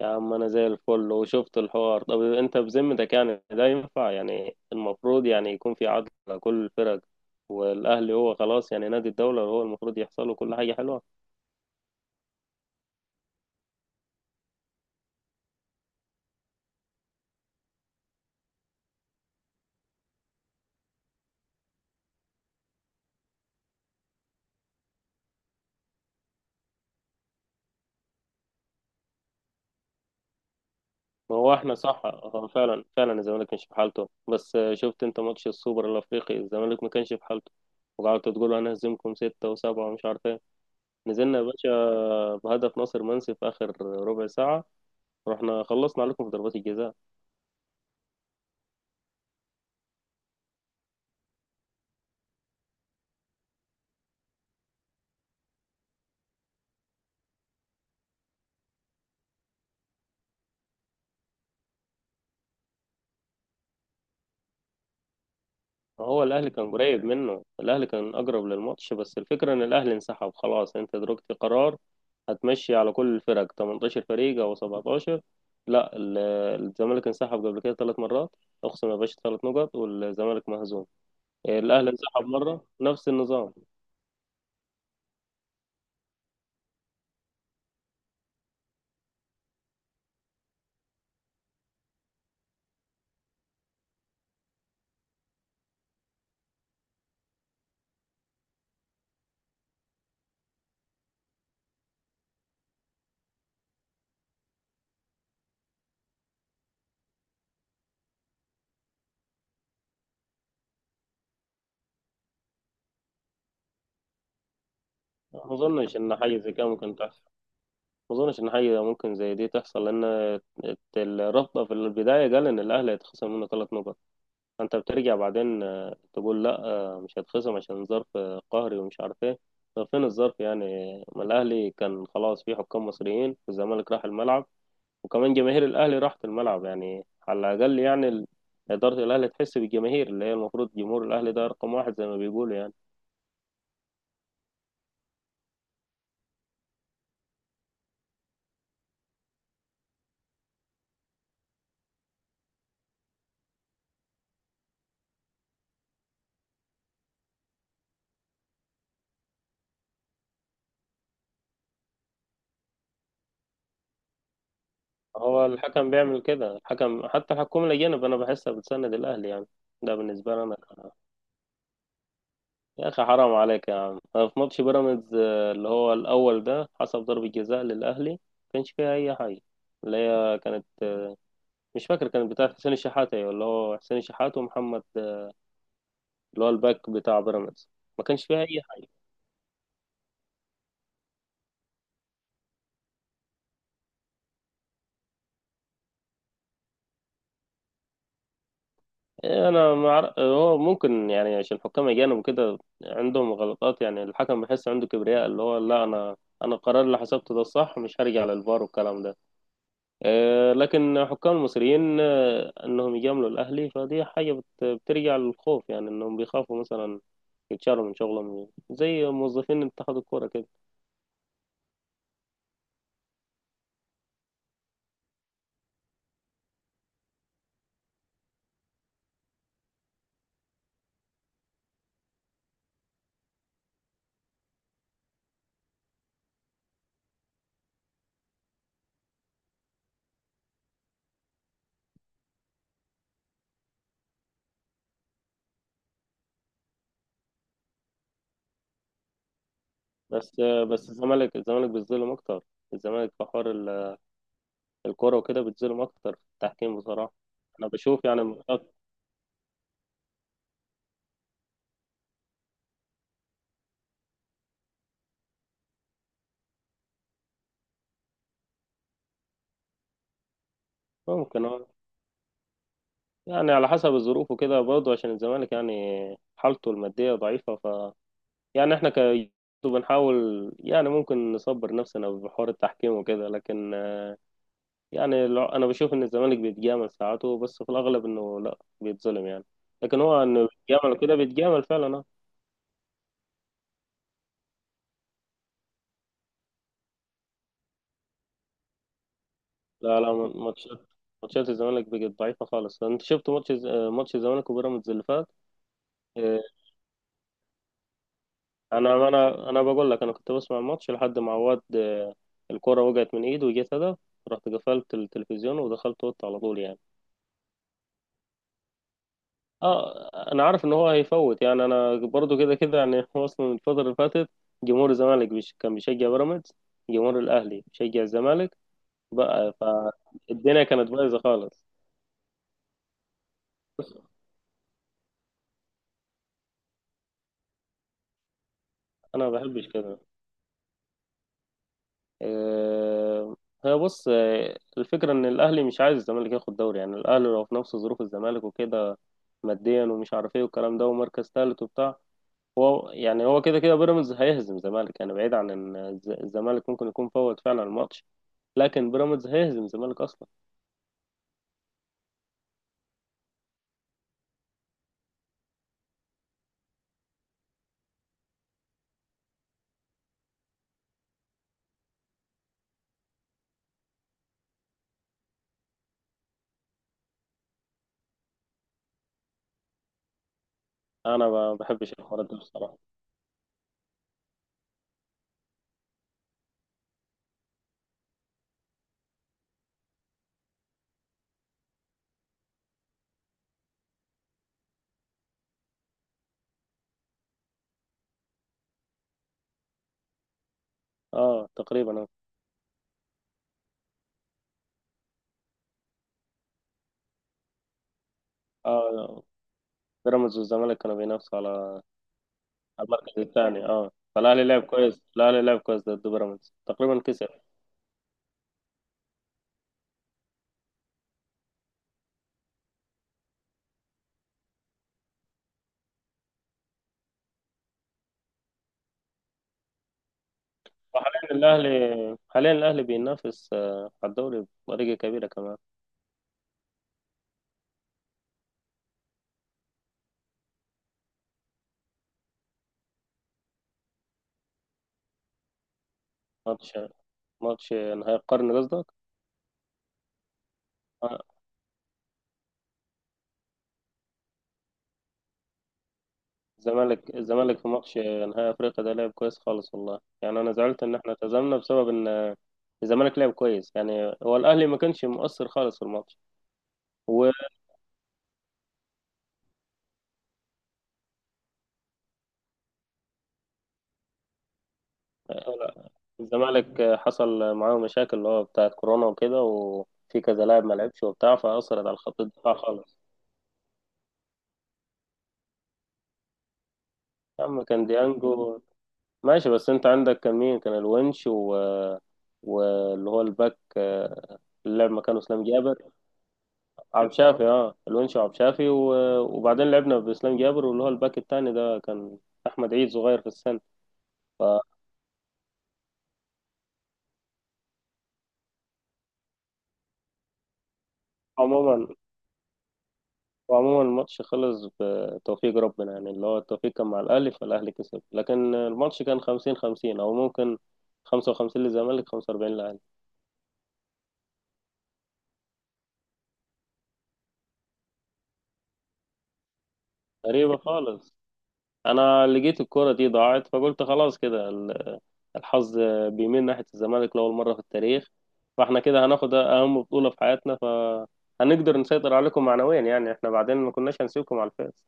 يا عم انا زي الفل وشفت الحوار. طب انت بذمتك يعني ده ينفع؟ يعني المفروض يعني يكون في عدل على كل الفرق. والاهلي هو خلاص يعني نادي الدوله، هو المفروض يحصل له كل حاجه حلوه. ما هو احنا صح، هو فعلا فعلا الزمالك مش في حالته، بس شفت انت ماتش السوبر الافريقي؟ الزمالك ما كانش في حالته، وقعدتوا تقولوا انا هزمكم ستة وسبعة ومش عارف ايه. نزلنا يا باشا بهدف ناصر منسي في اخر ربع ساعة. رحنا خلصنا عليكم في ضربات الجزاء. هو الاهلي كان قريب منه، الاهلي كان اقرب للماتش، بس الفكره ان الاهلي انسحب. خلاص، انت دركت قرار هتمشي على كل الفرق، 18 فريق او 17. لا، الزمالك انسحب قبل كده 3 مرات. اقسم يا باشا، 3 نقط والزمالك مهزوم. الاهلي انسحب مره نفس النظام. ما اظنش ان حاجه زي كده ممكن تحصل، ما اظنش ان حاجه ممكن زي دي تحصل، لان الرابطه في البدايه قال ان الاهلي هيتخصم منه 3 نقط. انت بترجع بعدين تقول لا، مش هتخصم عشان ظرف قهري ومش عارف ايه. طب فين الظرف يعني؟ ما الاهلي كان خلاص فيه حكام مصريين، والزمالك راح الملعب، وكمان جماهير الاهلي راحت الملعب. يعني على الاقل يعني اداره الاهلي تحس بالجماهير، اللي هي المفروض جمهور الاهلي ده رقم واحد زي ما بيقولوا يعني. هو الحكم بيعمل كده، الحكم حتى الحكومه الاجانب انا بحسها بتسند الاهلي يعني، ده بالنسبه لي انا. يا اخي حرام عليك يا عم، في ماتش بيراميدز اللي هو الاول ده، حسب ضربة جزاء للاهلي ما كانش فيها اي حاجة. اللي هي كانت، مش فاكر، كانت بتاع حسين الشحات، ايوه اللي هو حسين الشحات ومحمد، اللي هو الباك بتاع بيراميدز، ما كانش فيها اي حاجة. إيه، انا ما أعرف- هو ممكن يعني عشان حكام اجانب وكده عندهم غلطات يعني. الحكم بحس عنده كبرياء، اللي هو لا، انا القرار اللي حسبته ده الصح، مش هرجع للفار والكلام ده. لكن حكام المصريين، انهم يجاملوا الاهلي، فدي حاجه بترجع للخوف. يعني انهم بيخافوا مثلا يتشالوا من شغلهم زي موظفين اتحاد الكوره كده. بس الزمالك بيتظلم اكتر. الزمالك في حوار الكوره وكده بيتظلم اكتر في التحكيم بصراحه. انا بشوف يعني ممكن، اه. يعني على حسب الظروف وكده برضه عشان الزمالك يعني حالته الماديه ضعيفه، يعني احنا، بنحاول يعني، ممكن نصبر نفسنا بحوار التحكيم وكده، لكن يعني، انا بشوف ان الزمالك بيتجامل ساعاته، بس في الاغلب انه لا بيتظلم يعني. لكن هو انه بيتجامل كده بيتجامل فعلا، اه. لا لا، ماتشات الزمالك بقت ضعيفه خالص. انت شفت ماتش ماتش الزمالك وبيراميدز اللي فات. آه، انا بقول لك، انا كنت بسمع الماتش لحد ما عواد الكرة وقعت من ايده وجت هدف. رحت قفلت التلفزيون ودخلت اوضتي على طول يعني. اه، انا عارف ان هو هيفوت يعني، انا برضو كده كده يعني هو اصلا الفتره اللي فاتت جمهور الزمالك كان بيشجع بيراميدز، جمهور الاهلي بيشجع الزمالك بقى، فالدنيا كانت بايظه خالص. انا ما بحبش كده. آه، هي بص، الفكره ان الاهلي مش عايز الزمالك ياخد دوري، يعني الاهلي لو في نفس ظروف الزمالك وكده، ماديا ومش عارف ايه والكلام ده ومركز ثالث وبتاع. هو يعني هو كده كده بيراميدز هيهزم الزمالك يعني، بعيد عن ان الزمالك ممكن يكون فوت فعلا الماتش، لكن بيراميدز هيهزم الزمالك اصلا. انا ما بحبش الحوارات دي بصراحه. اه تقريبا اه. آه، بيراميدز والزمالك كانوا بينافسوا على المركز الثاني. اه، فالاهلي لعب كويس، الاهلي لعب كويس ضد بيراميدز، تقريبا كسب. وحاليا الاهلي حاليا الاهلي بينافس على الدوري بطريقه كبيره كمان. ماتش ماتش نهائي القرن قصدك. آه، الزمالك في ماتش نهائي افريقيا ده لعب كويس خالص، والله. يعني انا زعلت ان احنا هزمنا بسبب ان الزمالك لعب كويس يعني، هو الاهلي ما كانش مؤثر خالص في الماتش. والزمالك حصل معاه مشاكل اللي هو بتاعت كورونا وكده، وفي كذا لاعب ما لعبش وبتاع، فأثرت على خط الدفاع خالص. يا عم كان ديانجو، ماشي، بس انت عندك كان مين، كان الونش، و... واللي هو الباك اللي لعب مكانه اسلام جابر، عبد شافي. اه، الونش وعبد شافي وبعدين لعبنا باسلام جابر، واللي هو الباك التاني ده، كان احمد عيد صغير في السن. فعموما وعموما الماتش خلص بتوفيق ربنا يعني، اللي هو التوفيق كان مع الأهلي، فالأهلي كسب. لكن الماتش كان 50-50 أو ممكن 55 للزمالك، 45 للأهلي. غريبة خالص. أنا لقيت الكرة دي ضاعت، فقلت خلاص كده، الحظ بيميل ناحية الزمالك لأول مرة في التاريخ، فاحنا كده هناخد أهم بطولة في حياتنا، فهنقدر نسيطر عليكم معنويا يعني. احنا بعدين ما كناش هنسيبكم على الفاس،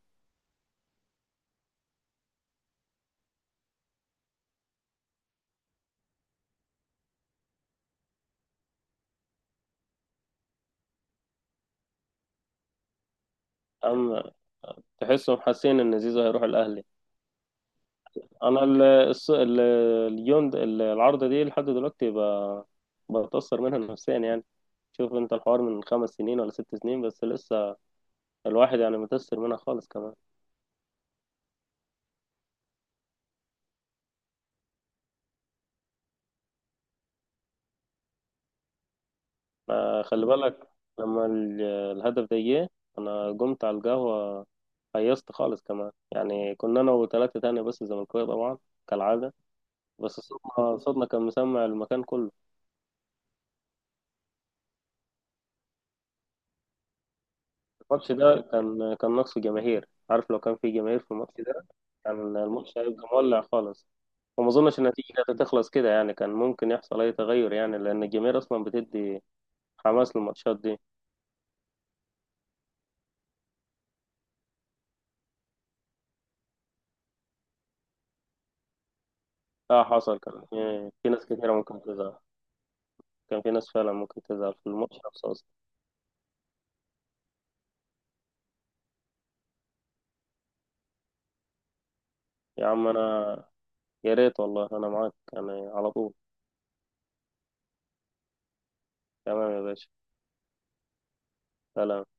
أما تحسهم حاسين إن زيزو هيروح الأهلي. انا اليوم العارضه دي لحد دلوقتي بتاثر منها نفسيا يعني. شوف انت الحوار من 5 سنين ولا 6 سنين، بس لسه الواحد يعني متاثر منها خالص كمان. خلي بالك، لما الهدف ده جه انا قمت على القهوه، هيصت خالص كمان. يعني كنا انا وثلاثه تاني بس، زملكاويه طبعا كالعاده. بس صوتنا صوتنا كان مسمع المكان كله. الماتش ده كان نقص جماهير. عارف، لو كان في جماهير في الماتش ده كان الماتش هيبقى مولع خالص، وما اظنش النتيجه هتخلص كده يعني، كان ممكن يحصل اي تغير يعني لان الجماهير اصلا بتدي حماس للماتشات دي. اه حصل، كان في ناس كتيره ممكن تزعل، كان في ناس فعلا ممكن تزعل في الماتش نفسه اصلا. يا عم انا، يا ريت والله انا معاك يعني على طول. تمام يا باشا. سلام.